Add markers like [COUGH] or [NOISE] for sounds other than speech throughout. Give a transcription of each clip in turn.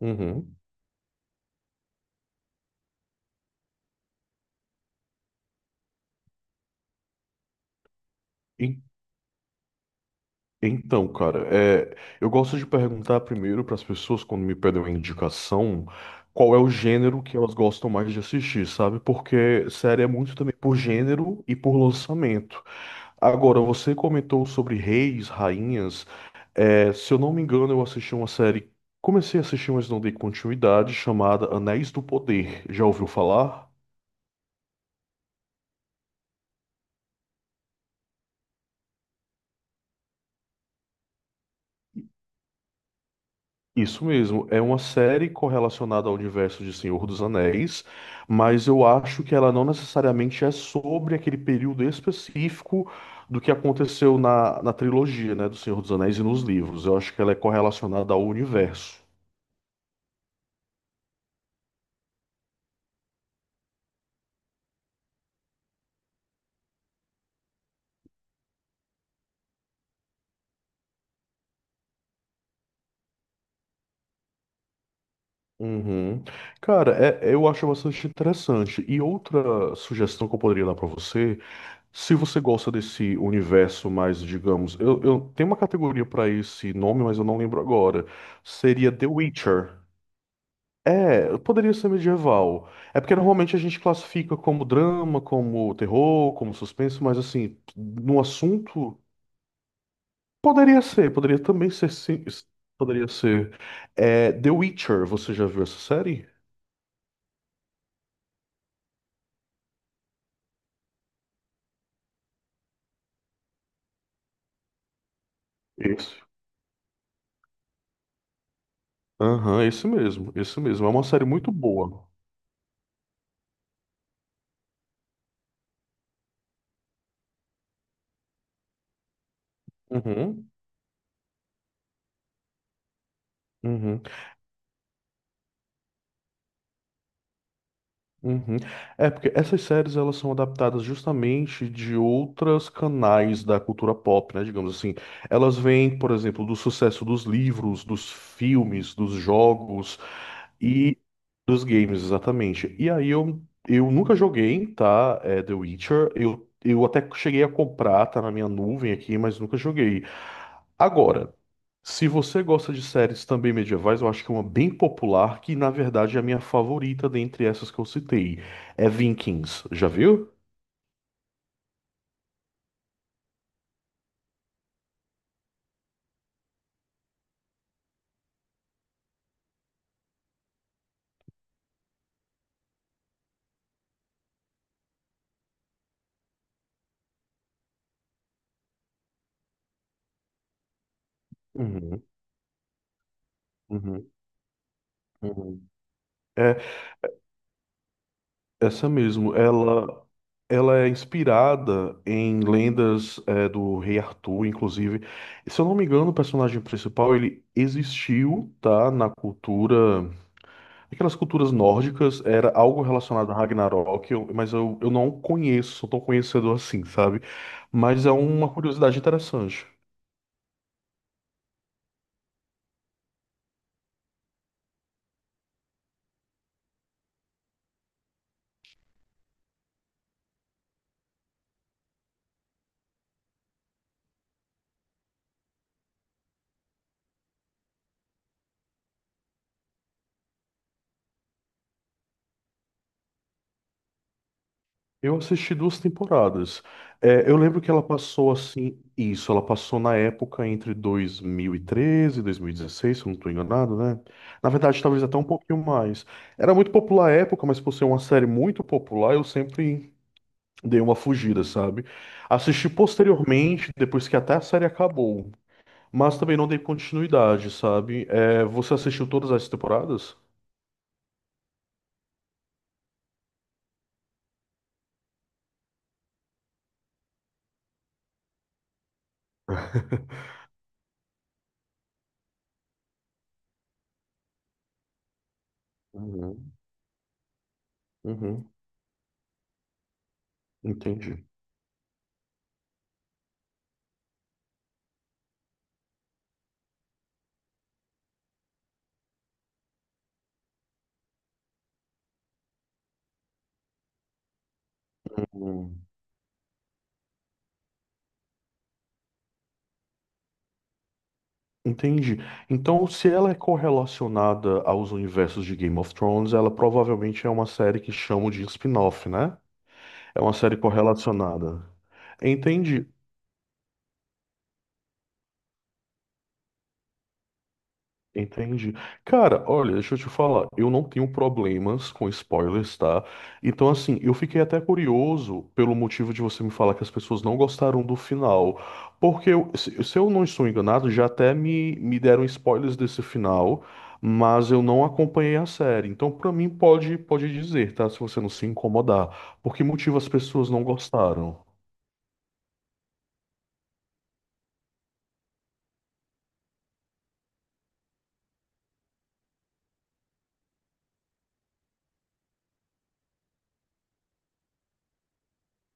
Uhum. En- Então, cara, é, eu gosto de perguntar primeiro para as pessoas quando me pedem uma indicação qual é o gênero que elas gostam mais de assistir, sabe? Porque série é muito também por gênero e por lançamento. Agora, você comentou sobre reis, rainhas. É, se eu não me engano, eu assisti uma série, comecei a assistir, mas não dei continuidade, chamada Anéis do Poder. Já ouviu falar? Isso mesmo, é uma série correlacionada ao universo de Senhor dos Anéis, mas eu acho que ela não necessariamente é sobre aquele período específico do que aconteceu na trilogia, né, do Senhor dos Anéis e nos livros. Eu acho que ela é correlacionada ao universo. Uhum. Cara, eu acho bastante interessante. E outra sugestão que eu poderia dar pra você, se você gosta desse universo mais, digamos, eu tenho uma categoria pra esse nome, mas eu não lembro agora. Seria The Witcher. É, poderia ser medieval. É porque normalmente a gente classifica como drama, como terror, como suspense, mas assim, no assunto, poderia ser, poderia também ser, sim, poderia ser. É, The Witcher, você já viu essa série? Esse. Aham, esse mesmo, esse mesmo. É uma série muito boa. Uhum, uhum. Uhum. É, porque essas séries elas são adaptadas justamente de outros canais da cultura pop, né? Digamos assim. Elas vêm, por exemplo, do sucesso dos livros, dos filmes, dos jogos e dos games, exatamente. E aí eu nunca joguei, tá? É, The Witcher. Eu até cheguei a comprar, tá na minha nuvem aqui, mas nunca joguei. Agora, se você gosta de séries também medievais, eu acho que é uma bem popular, que na verdade é a minha favorita dentre essas que eu citei, é Vikings. Já viu? Uhum, uhum, uhum. É essa mesmo. Ela é inspirada em lendas é, do rei Arthur, inclusive. Se eu não me engano, o personagem principal ele existiu, tá, na cultura. Aquelas culturas nórdicas era algo relacionado a Ragnarok, mas eu não conheço, sou tão conhecedor assim, sabe? Mas é uma curiosidade interessante. Eu assisti duas temporadas. É, eu lembro que ela passou assim, isso, ela passou na época entre dois mil e 2016, se eu não estou enganado, né? Na verdade, talvez até um pouquinho mais. Era muito popular à época, mas por ser uma série muito popular, eu sempre dei uma fugida, sabe? Assisti posteriormente, depois que até a série acabou. Mas também não dei continuidade, sabe? É, você assistiu todas as temporadas? Uhum, uhum, entendi. Uhum. Entendi. Então, se ela é correlacionada aos universos de Game of Thrones, ela provavelmente é uma série que chamam de spin-off, né? É uma série correlacionada. Entendi. Entendi. Cara, olha, deixa eu te falar, eu não tenho problemas com spoilers, tá? Então, assim, eu fiquei até curioso pelo motivo de você me falar que as pessoas não gostaram do final. Porque, se eu não estou enganado, já até me deram spoilers desse final, mas eu não acompanhei a série. Então, pra mim, pode, pode dizer, tá? Se você não se incomodar. Por que motivo as pessoas não gostaram?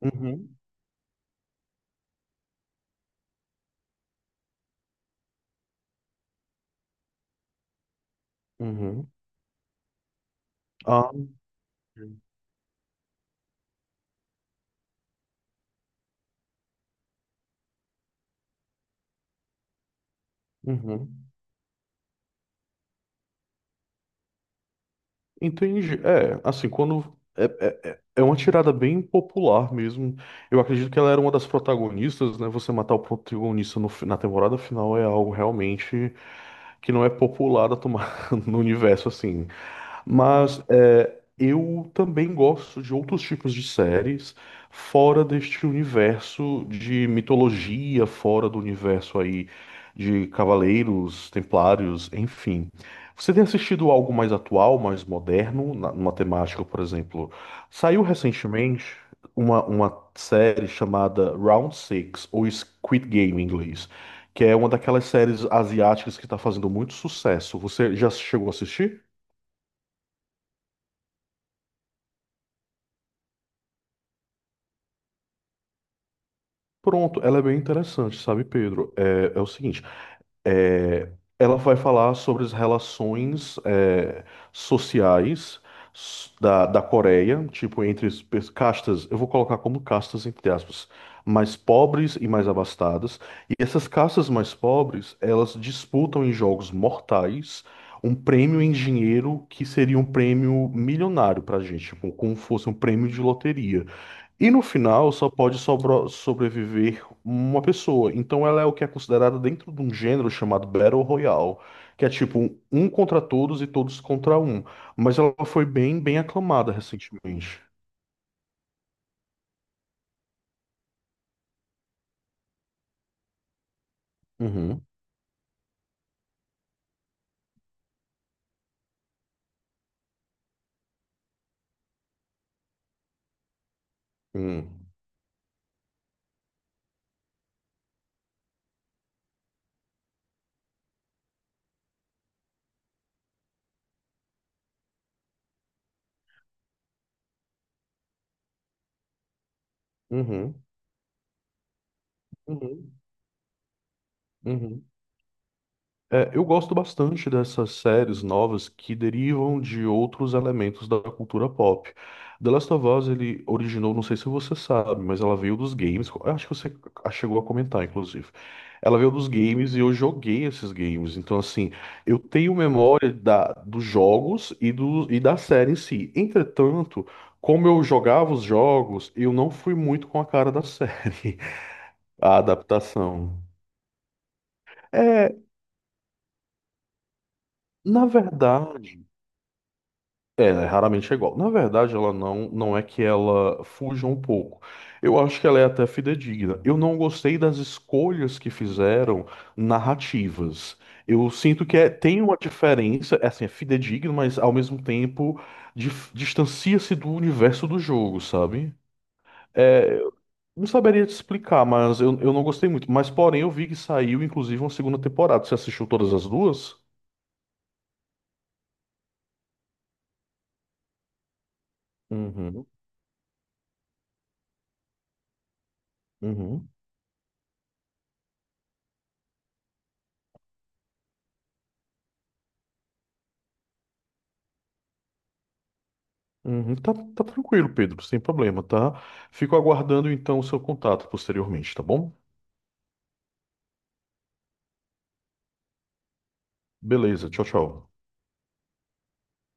Uhum, uhum. Ah, uhum. Entendi. É, assim, quando. É uma tirada bem popular mesmo. Eu acredito que ela era uma das protagonistas, né? Você matar o protagonista no na temporada final é algo realmente que não é popular a tomar [LAUGHS] no universo, assim. Mas é, eu também gosto de outros tipos de séries fora deste universo de mitologia, fora do universo aí de cavaleiros, templários, enfim. Você tem assistido algo mais atual, mais moderno, na, numa temática, por exemplo? Saiu recentemente uma série chamada Round Six ou Squid Game em inglês, que é uma daquelas séries asiáticas que está fazendo muito sucesso. Você já chegou a assistir? Pronto, ela é bem interessante, sabe, Pedro? É, é o seguinte, é, ela vai falar sobre as relações é, sociais da Coreia, tipo, entre as castas, eu vou colocar como castas, entre aspas, mais pobres e mais abastadas. E essas castas mais pobres, elas disputam em jogos mortais um prêmio em dinheiro que seria um prêmio milionário pra gente, tipo, como fosse um prêmio de loteria. E no final só pode sobreviver uma pessoa. Então ela é o que é considerada dentro de um gênero chamado Battle Royale, que é tipo um contra todos e todos contra um. Mas ela foi bem, bem aclamada recentemente. Uhum. Uhum. Uhum. Uhum. Uhum. É, eu gosto bastante dessas séries novas que derivam de outros elementos da cultura pop. The Last of Us, ele originou, não sei se você sabe, mas ela veio dos games. Eu acho que você chegou a comentar, inclusive. Ela veio dos games e eu joguei esses games. Então, assim, eu tenho memória da, dos jogos e, do, e da série em si. Entretanto, como eu jogava os jogos, eu não fui muito com a cara da série, [LAUGHS] a adaptação. É, na verdade. É, né, raramente é igual. Na verdade, ela não, não é que ela fuja um pouco. Eu acho que ela é até fidedigna. Eu não gostei das escolhas que fizeram narrativas. Eu sinto que tem uma diferença, é assim, é fidedigno, mas ao mesmo tempo distancia-se do universo do jogo, sabe? É, eu não saberia te explicar, mas eu não gostei muito. Mas, porém, eu vi que saiu, inclusive, uma segunda temporada. Você assistiu todas as duas? Uhum, uhum. Uhum, tá, tá tranquilo, Pedro, sem problema, tá? Fico aguardando então o seu contato posteriormente, tá bom? Beleza, tchau, tchau.